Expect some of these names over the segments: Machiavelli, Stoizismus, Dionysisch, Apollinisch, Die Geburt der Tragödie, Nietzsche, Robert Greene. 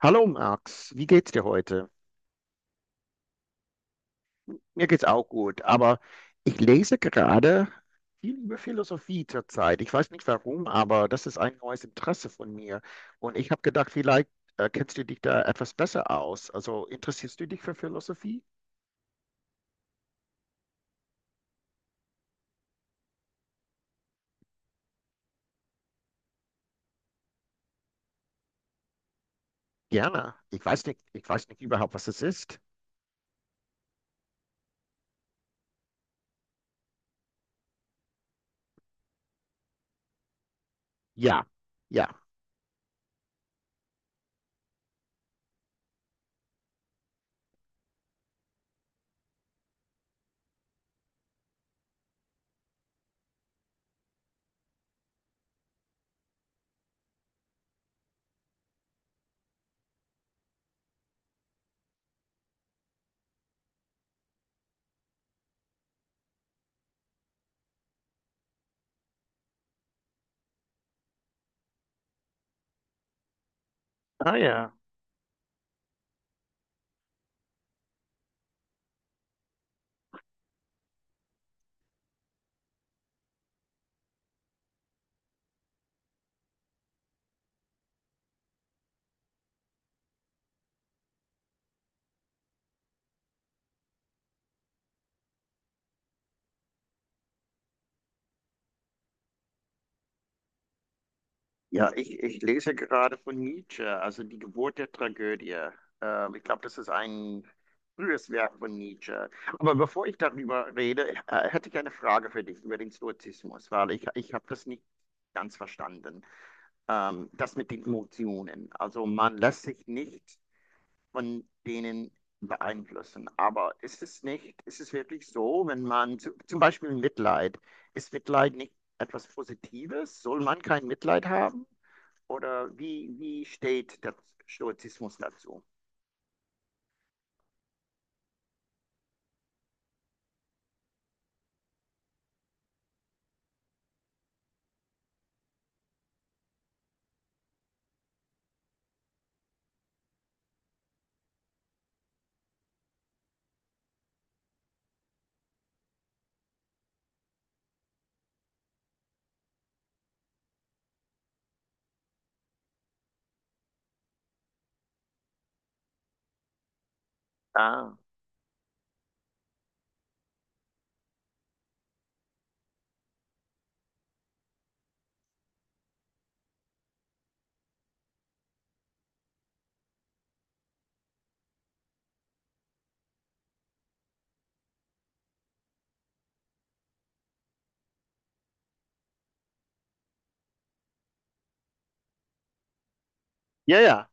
Hallo Max, wie geht's dir heute? Mir geht's auch gut, aber ich lese gerade viel über Philosophie zurzeit. Ich weiß nicht warum, aber das ist ein neues Interesse von mir. Und ich habe gedacht, vielleicht kennst du dich da etwas besser aus. Also interessierst du dich für Philosophie? Gerne. Ich weiß nicht überhaupt, was es ist. Ja, ja. Ah ja. Ja, ich lese gerade von Nietzsche, also die Geburt der Tragödie. Ich glaube, das ist ein frühes Werk von Nietzsche. Aber bevor ich darüber rede, hätte ich eine Frage für dich über den Stoizismus, weil ich habe das nicht ganz verstanden. Das mit den Emotionen. Also man lässt sich nicht von denen beeinflussen. Aber ist es nicht, ist es wirklich so, wenn man zu, zum Beispiel Mitleid, ist Mitleid nicht etwas Positives? Soll man kein Mitleid haben? Oder wie, wie steht der Stoizismus dazu? Ah, ja, ja.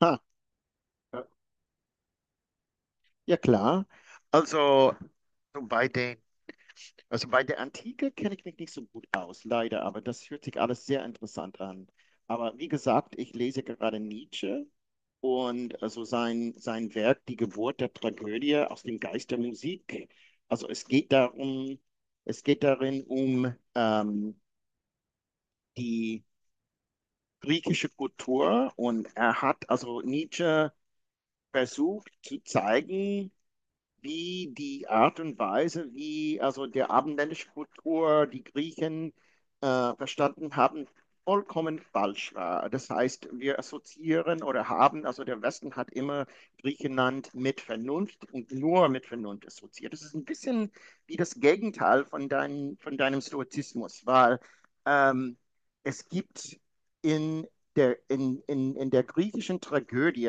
Ha. Ja. Ja, klar. Also, so bei den, also bei der Antike kenne ich mich nicht so gut aus, leider, aber das hört sich alles sehr interessant an. Aber wie gesagt, ich lese gerade Nietzsche und also sein Werk Die Geburt der Tragödie aus dem Geist der Musik. Also es geht darum, es geht darin um die griechische Kultur und er hat also Nietzsche versucht zu zeigen, wie die Art und Weise, wie also der abendländische Kultur die Griechen verstanden haben, vollkommen falsch war. Das heißt, wir assoziieren oder haben, also der Westen hat immer Griechenland mit Vernunft und nur mit Vernunft assoziiert. Das ist ein bisschen wie das Gegenteil von, dein, von deinem Stoizismus, weil ähm, es gibt in in der griechischen Tragödie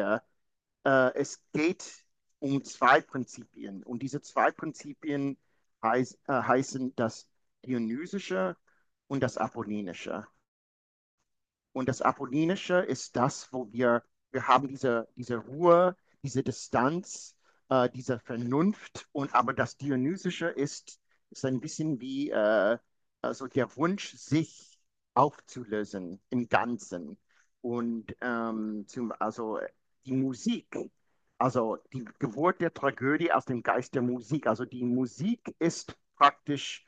es geht um zwei Prinzipien. Und diese zwei Prinzipien heißen das Dionysische und das Apollinische. Und das Apollinische ist das, wo wir haben diese Ruhe, diese Distanz, diese Vernunft. Und aber das Dionysische ist, ist ein bisschen wie also der Wunsch, sich aufzulösen im Ganzen. Und zum, also die Musik, also die Geburt der Tragödie aus dem Geist der Musik. Also die Musik ist praktisch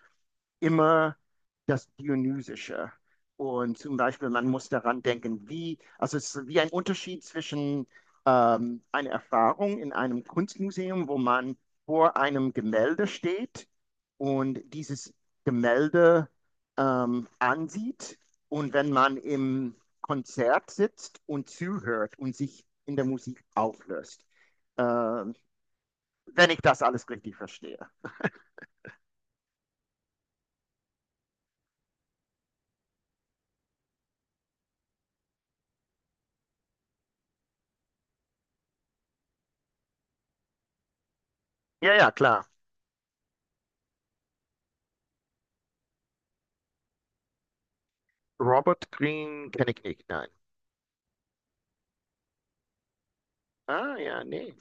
immer das Dionysische. Und zum Beispiel, man muss daran denken, wie, also es ist wie ein Unterschied zwischen einer Erfahrung in einem Kunstmuseum, wo man vor einem Gemälde steht und dieses Gemälde ansieht. Und wenn man im Konzert sitzt und zuhört und sich in der Musik auflöst. Ähm, Wenn ich das alles richtig verstehe. Ja, ja, klar. Robert Greene kenne ich nicht, nein. Ah, ja, nee.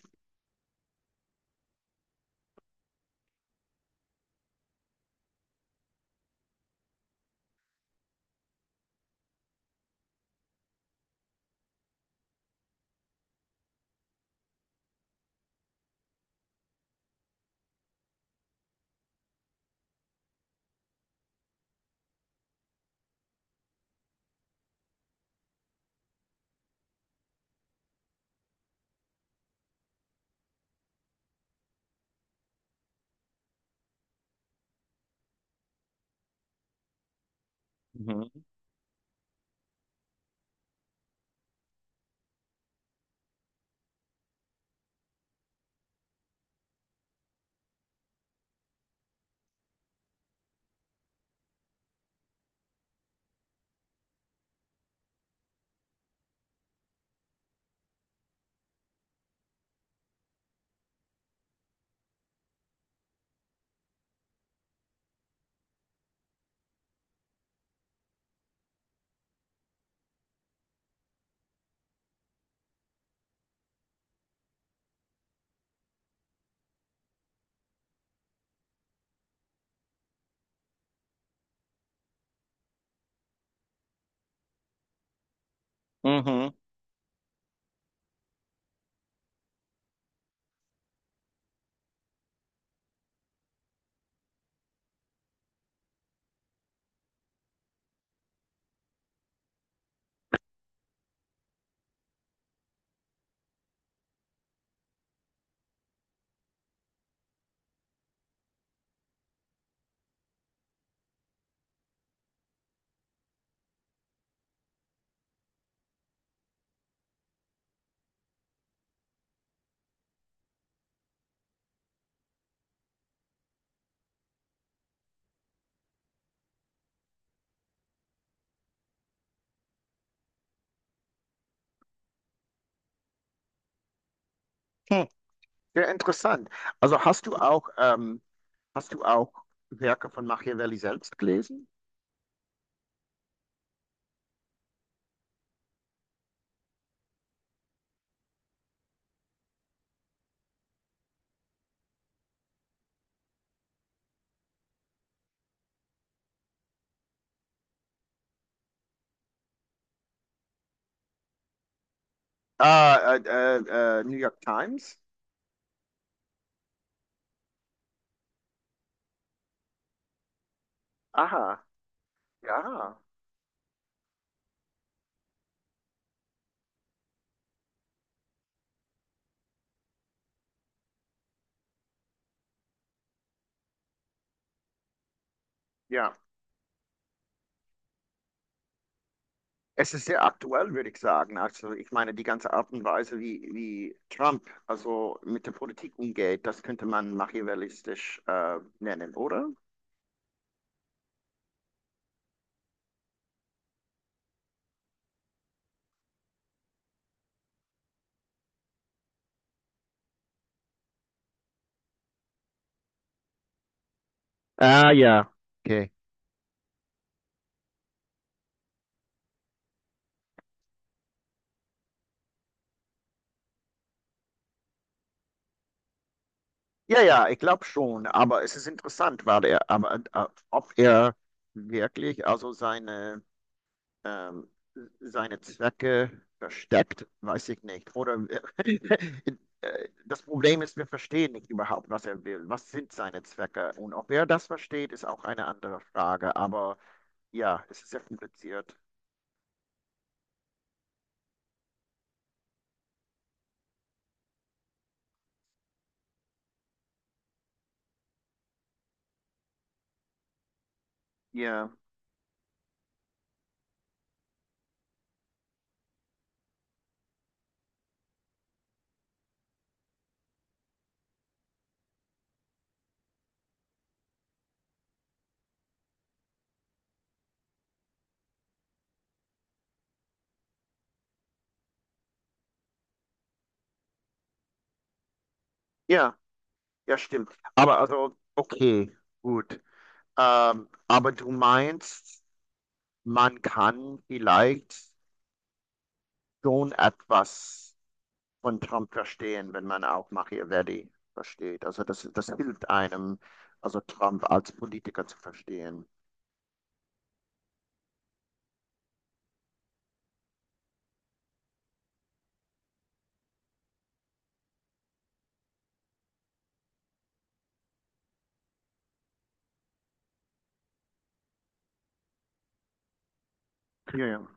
Mhm. Mhm. Hm. Sehr interessant. Also hast du auch Werke von Machiavelli selbst gelesen? Ah, New York Times? Aha, ja, ja. Es ist sehr aktuell, würde ich sagen. Also ich meine, die ganze Art und Weise, wie, wie Trump also mit der Politik umgeht, das könnte man machiavellistisch nennen, oder? Ah, ja. Ja, ja, ich glaube schon, aber es ist interessant, war der, aber ob er wirklich also seine, ähm, seine Zwecke versteckt, weiß ich nicht. Oder äh, das Problem ist, wir verstehen nicht überhaupt, was er will. Was sind seine Zwecke? Und ob er das versteht, ist auch eine andere Frage. Aber ja, es ist sehr kompliziert. Ja, ja, ja, stimmt. Aber also, okay, gut. Aber du meinst, man kann vielleicht schon etwas von Trump verstehen, wenn man auch Machiavelli versteht. Also das, das hilft einem, also Trump als Politiker zu verstehen. Ja, ja,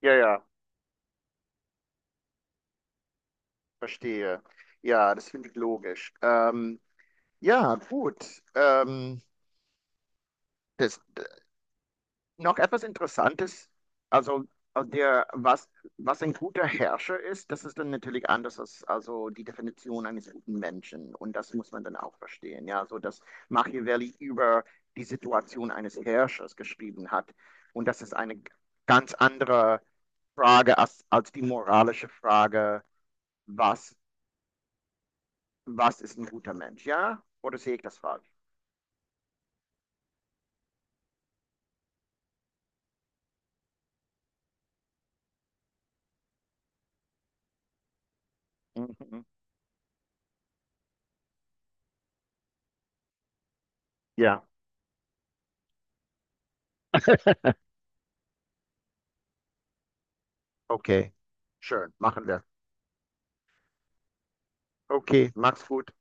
ja, verstehe. Ja, das finde ich logisch. Ja, gut. Das, noch etwas Interessantes, also also der, was, was ein guter Herrscher ist, das ist dann natürlich anders als also die Definition eines guten Menschen. Und das muss man dann auch verstehen. Ja, so dass Machiavelli über die Situation eines Herrschers geschrieben hat. Und das ist eine ganz andere Frage als, als die moralische Frage, was, was ist ein guter Mensch? Ja? Oder sehe ich das falsch? Mhm. Ja, okay. Schön, machen wir. Okay, mach's gut.